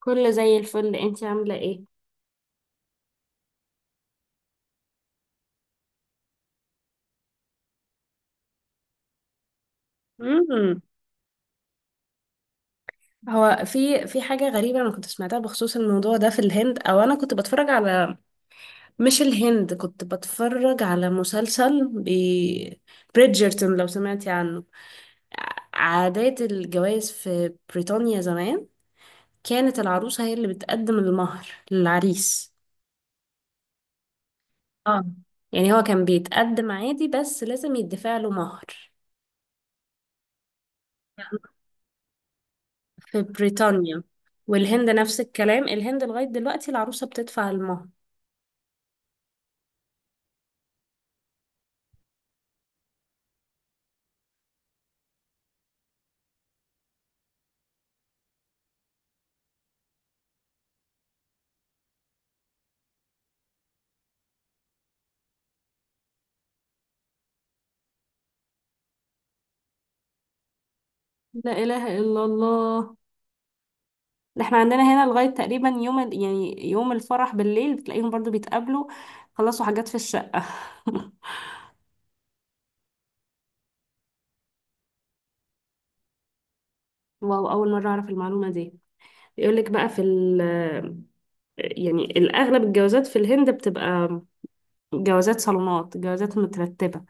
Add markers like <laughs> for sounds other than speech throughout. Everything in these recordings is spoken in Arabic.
كله زي الفل، انتي عاملة ايه؟ امم هو في حاجة غريبة أنا كنت سمعتها بخصوص الموضوع ده في الهند، أو أنا كنت بتفرج على، مش الهند، كنت بتفرج على مسلسل بريدجرتون، لو سمعتي عنه. عادات الجواز في بريطانيا زمان كانت العروسة هي اللي بتقدم المهر للعريس. اه، يعني هو كان بيتقدم عادي، بس لازم يدفع له مهر. في بريطانيا. والهند نفس الكلام، الهند لغاية دلوقتي العروسة بتدفع المهر. لا إله إلا الله. ده احنا عندنا هنا لغاية تقريبا يوم يعني يوم الفرح بالليل بتلاقيهم برضو بيتقابلوا، خلصوا حاجات في الشقة. <laughs> واو، أول مرة أعرف المعلومة دي. يقولك بقى في ال يعني الأغلب الجوازات في الهند بتبقى جوازات صالونات، جوازات مترتبة.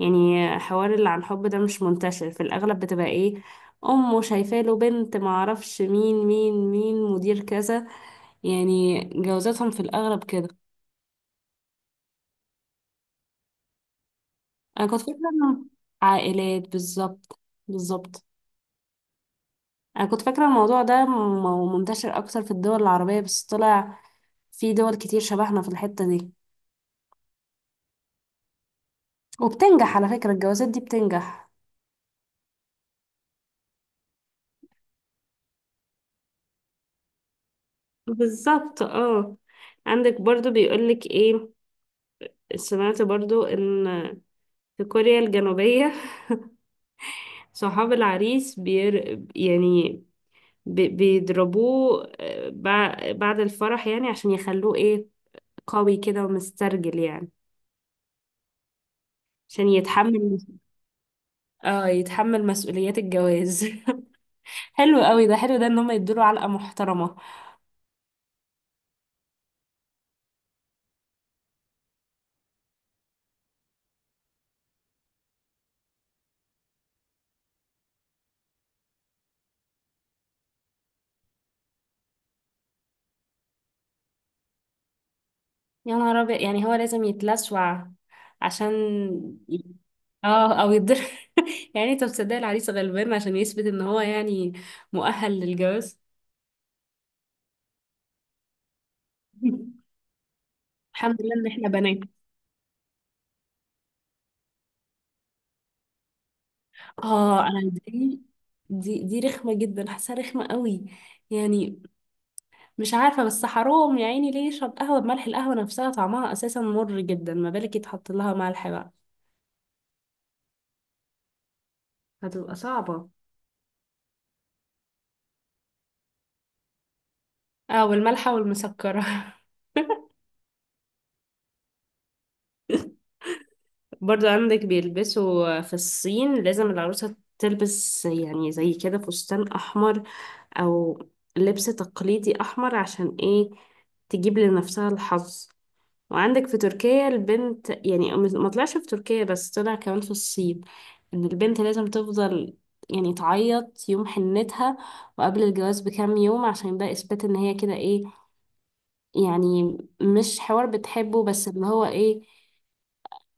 يعني حوار اللي عن حب ده مش منتشر، في الأغلب بتبقى ايه، أمه شايفة له بنت، معرفش مين مين مين مدير كذا. يعني جوازاتهم في الأغلب كده. أنا كنت فاكرة إنه عائلات، بالظبط، بالظبط. أنا كنت فاكرة الموضوع ده منتشر أكتر في الدول العربية، بس طلع في دول كتير شبهنا في الحتة دي. وبتنجح على فكرة، الجوازات دي بتنجح. بالظبط، اه. عندك برضو بيقولك ايه، سمعت برضو ان في كوريا الجنوبية صحاب العريس يعني بيضربوه، بعد الفرح يعني عشان يخلوه ايه، قوي كده ومسترجل يعني، عشان يتحمل، اه، يتحمل مسؤوليات الجواز. <laughs> حلو قوي ده، حلو ده ان هم يدوله علقة محترمة. يا نهار ابيض، يعني هو لازم يتلسوع عشان ي- اه او يتضرب. <laughs> يعني انت بتصدق العريس غلبان عشان يثبت ان هو يعني مؤهل للجواز. <laughs> الحمد لله ان احنا بنات. اه انا دي رخمه جدا، حاساها رخمه قوي يعني، مش عارفه بس حرام يا عيني، ليه يشرب قهوه بملح؟ القهوه نفسها طعمها اساسا مر جدا، ما بالك يتحط لها ملح بقى؟ هتبقى صعبه. اه، والملحه والمسكره. <laughs> برضو عندك بيلبسوا في الصين، لازم العروسه تلبس يعني زي كده فستان احمر، او لبس تقليدي احمر، عشان ايه، تجيب لنفسها الحظ. وعندك في تركيا البنت، يعني ما طلعش في تركيا بس طلع كمان في الصين، ان البنت لازم تفضل يعني تعيط يوم حنتها وقبل الجواز بكام يوم، عشان ده اثبات ان هي كده ايه، يعني مش حوار بتحبه، بس اللي هو ايه،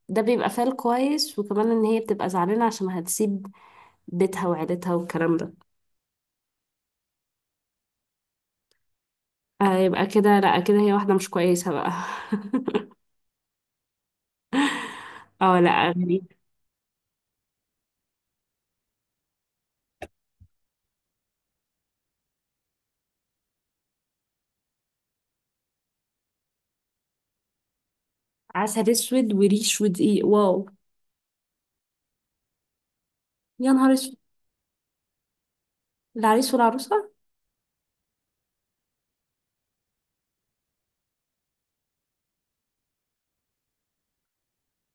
ده بيبقى فال كويس، وكمان ان هي بتبقى زعلانة عشان هتسيب بيتها وعيلتها والكلام ده. آه يبقى كده، لا كده هي واحدة مش كويسة بقى. <laughs> اه، لا غريب. عسل اسود وريش ودقيق، واو. يا نهار اسود، العريس والعروسة.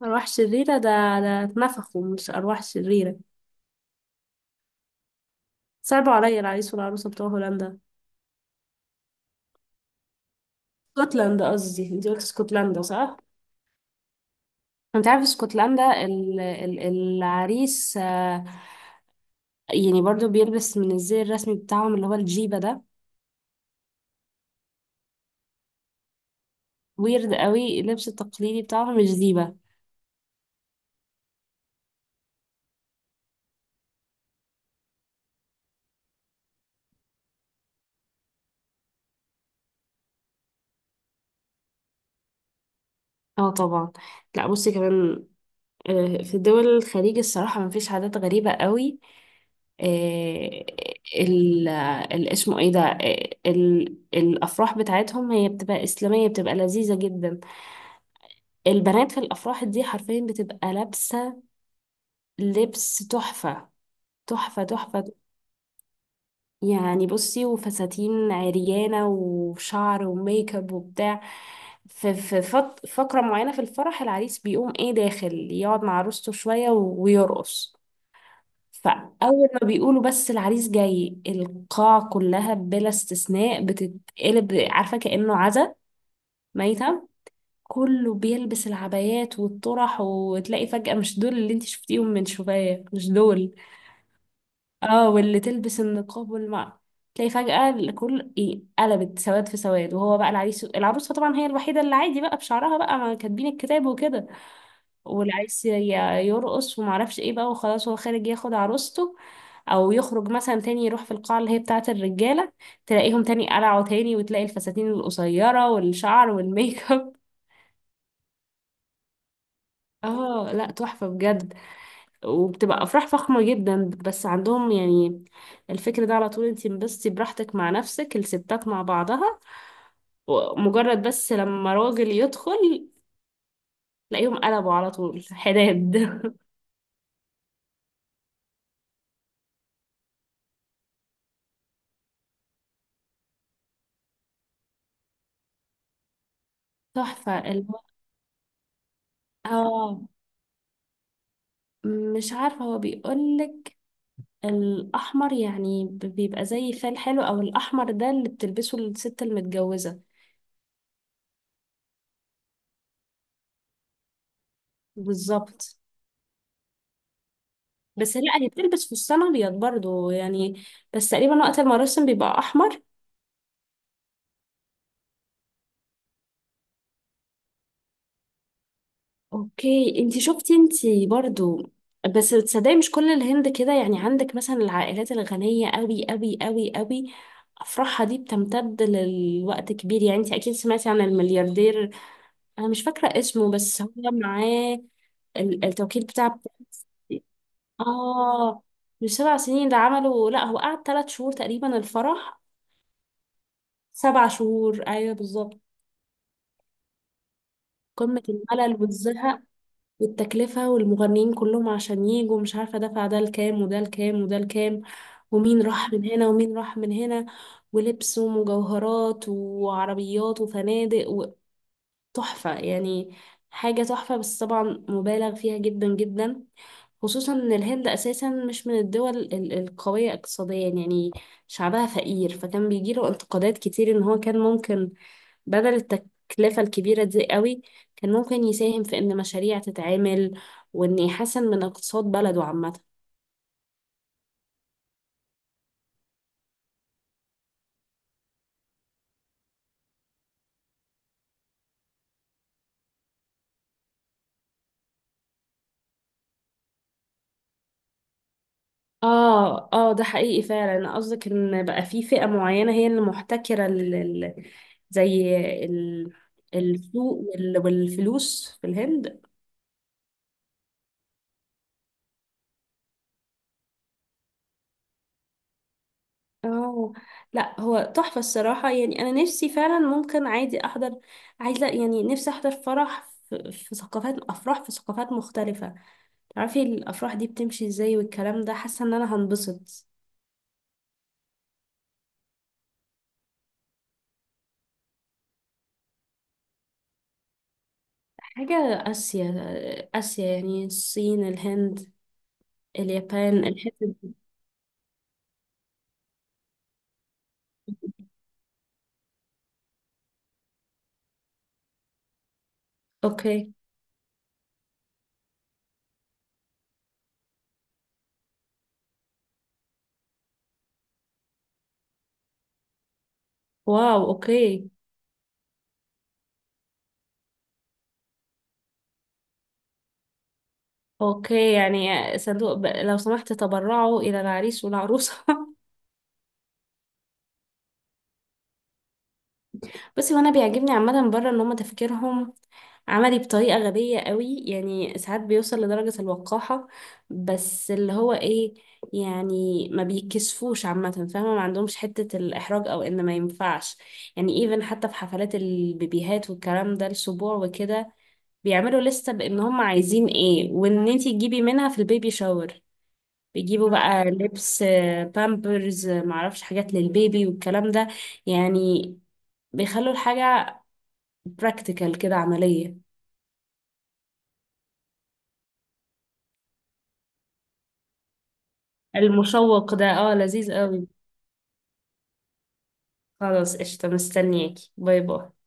أرواح شريرة؟ ده ده اتنفخوا مش أرواح شريرة. صعبوا عليا العريس والعروسة بتوع هولندا، اسكتلندا قصدي، انتي قلت اسكتلندا صح؟ انت عارف اسكتلندا العريس، يعني برضو بيلبس من الزي الرسمي بتاعهم اللي هو الجيبة ده، ويرد قوي اللبس التقليدي بتاعهم مش زيبة. اه طبعا. لا بصي كمان، في دول الخليج الصراحة مفيش عادات غريبة قوي، آه، اسمه ايه ده، ال الافراح بتاعتهم هي بتبقى اسلاميه، بتبقى لذيذه جدا. البنات في الافراح دي حرفيا بتبقى لابسه لبس تحفه، تحفه تحفه. يعني بصي، وفساتين عريانه وشعر وميك اب وبتاع. فقره معينه في الفرح، العريس بيقوم ايه داخل يقعد مع عروسته شويه ويرقص. فأول ما بيقولوا بس العريس جاي، القاعة كلها بلا استثناء بتتقلب، عارفة كأنه عزا، ميتة. كله بيلبس العبايات والطرح، وتلاقي فجأة مش دول اللي انت شفتيهم من شوية، مش دول، اه، واللي تلبس النقاب تلاقي فجأة الكل ايه قلبت، سواد في سواد. وهو بقى العريس، العروسة طبعا هي الوحيدة اللي عادي بقى بشعرها بقى، ما كاتبين الكتاب وكده. واللي عايز يرقص ومعرفش ايه بقى، وخلاص هو خارج ياخد عروسته، او يخرج مثلا تاني يروح في القاعة اللي هي بتاعة الرجالة، تلاقيهم تاني قلعوا تاني، وتلاقي الفساتين القصيرة والشعر والميك اب. <laughs> اه لا تحفة بجد. وبتبقى افراح فخمة جدا بس، عندهم يعني الفكر ده على طول، انتي انبسطي براحتك مع نفسك، الستات مع بعضها، ومجرد بس لما راجل يدخل تلاقيهم قلبوا على طول حداد. <laughs> تحفة ال- اه، مش عارفة، هو بيقولك الأحمر يعني بيبقى زي فال حلو، أو الأحمر ده اللي بتلبسه الست المتجوزة. بالظبط. بس لا هي بتلبس فستان أبيض برضو يعني، بس تقريبا وقت المراسم بيبقى أحمر. أوكي، انتي شفتي، انتي برضو. بس تصدقي مش كل الهند كده يعني، عندك مثلا العائلات الغنية أوي أوي أوي أوي، أفراحها دي بتمتد للوقت كبير. يعني انتي أكيد سمعتي عن الملياردير، انا مش فاكره اسمه، بس هو معاه التوكيل بتاع برنس. اه، مش سبع سنين ده عمله، لا هو قعد 3 شهور تقريبا الفرح. 7 شهور ايوه بالظبط. قمه الملل والزهق والتكلفه، والمغنيين كلهم عشان يجوا مش عارفه دفع، ده الكام وده الكام وده الكام، ومين راح من هنا ومين راح من هنا، ولبس ومجوهرات وعربيات وفنادق، تحفة يعني. حاجة تحفة، بس طبعا مبالغ فيها جدا جدا، خصوصا ان الهند اساسا مش من الدول القوية اقتصاديا يعني، شعبها فقير، فكان بيجيله انتقادات كتير ان هو كان ممكن بدل التكلفة الكبيرة دي قوي، كان ممكن يساهم في ان مشاريع تتعمل، وان يحسن من اقتصاد بلده عامة. اه اه، ده حقيقي فعلا. انا قصدك ان بقى في فئة معينة هي اللي محتكرة زي ال- السوق والفلوس في الهند. اه، لا هو تحفة الصراحة يعني، انا نفسي فعلا ممكن عادي احضر، عايزة يعني، نفسي احضر فرح، في في ثقافات، افراح في ثقافات مختلفة، تعرفي الافراح دي بتمشي ازاي والكلام ده، حاسة ان انا هنبسط. حاجة، آسيا، آسيا يعني الصين الهند اليابان، الحتت دي. اوكي، واو، اوكي. اوكي يعني، صندوق لو سمحت تبرعوا الى العريس والعروسه. <laughs> بس وانا بيعجبني عامه بره ان هم تفكيرهم عملي، بطريقه غبيه قوي يعني، ساعات بيوصل لدرجه الوقاحه، بس اللي هو ايه يعني، ما بيكسفوش عامه، فاهمه، ما عندهمش حته الاحراج، او ان ما ينفعش. يعني ايفن حتى في حفلات البيبيهات والكلام ده، السبوع وكده، بيعملوا لستة بان هم عايزين ايه، وان انتي تجيبي منها في البيبي شاور، بيجيبوا بقى لبس، بامبرز، معرفش، حاجات للبيبي والكلام ده. يعني بيخلوا الحاجة براكتيكال كده، عملية. المشوق ده، اه، لذيذ قوي. خلاص قشطة، مستنياكي، باي باي.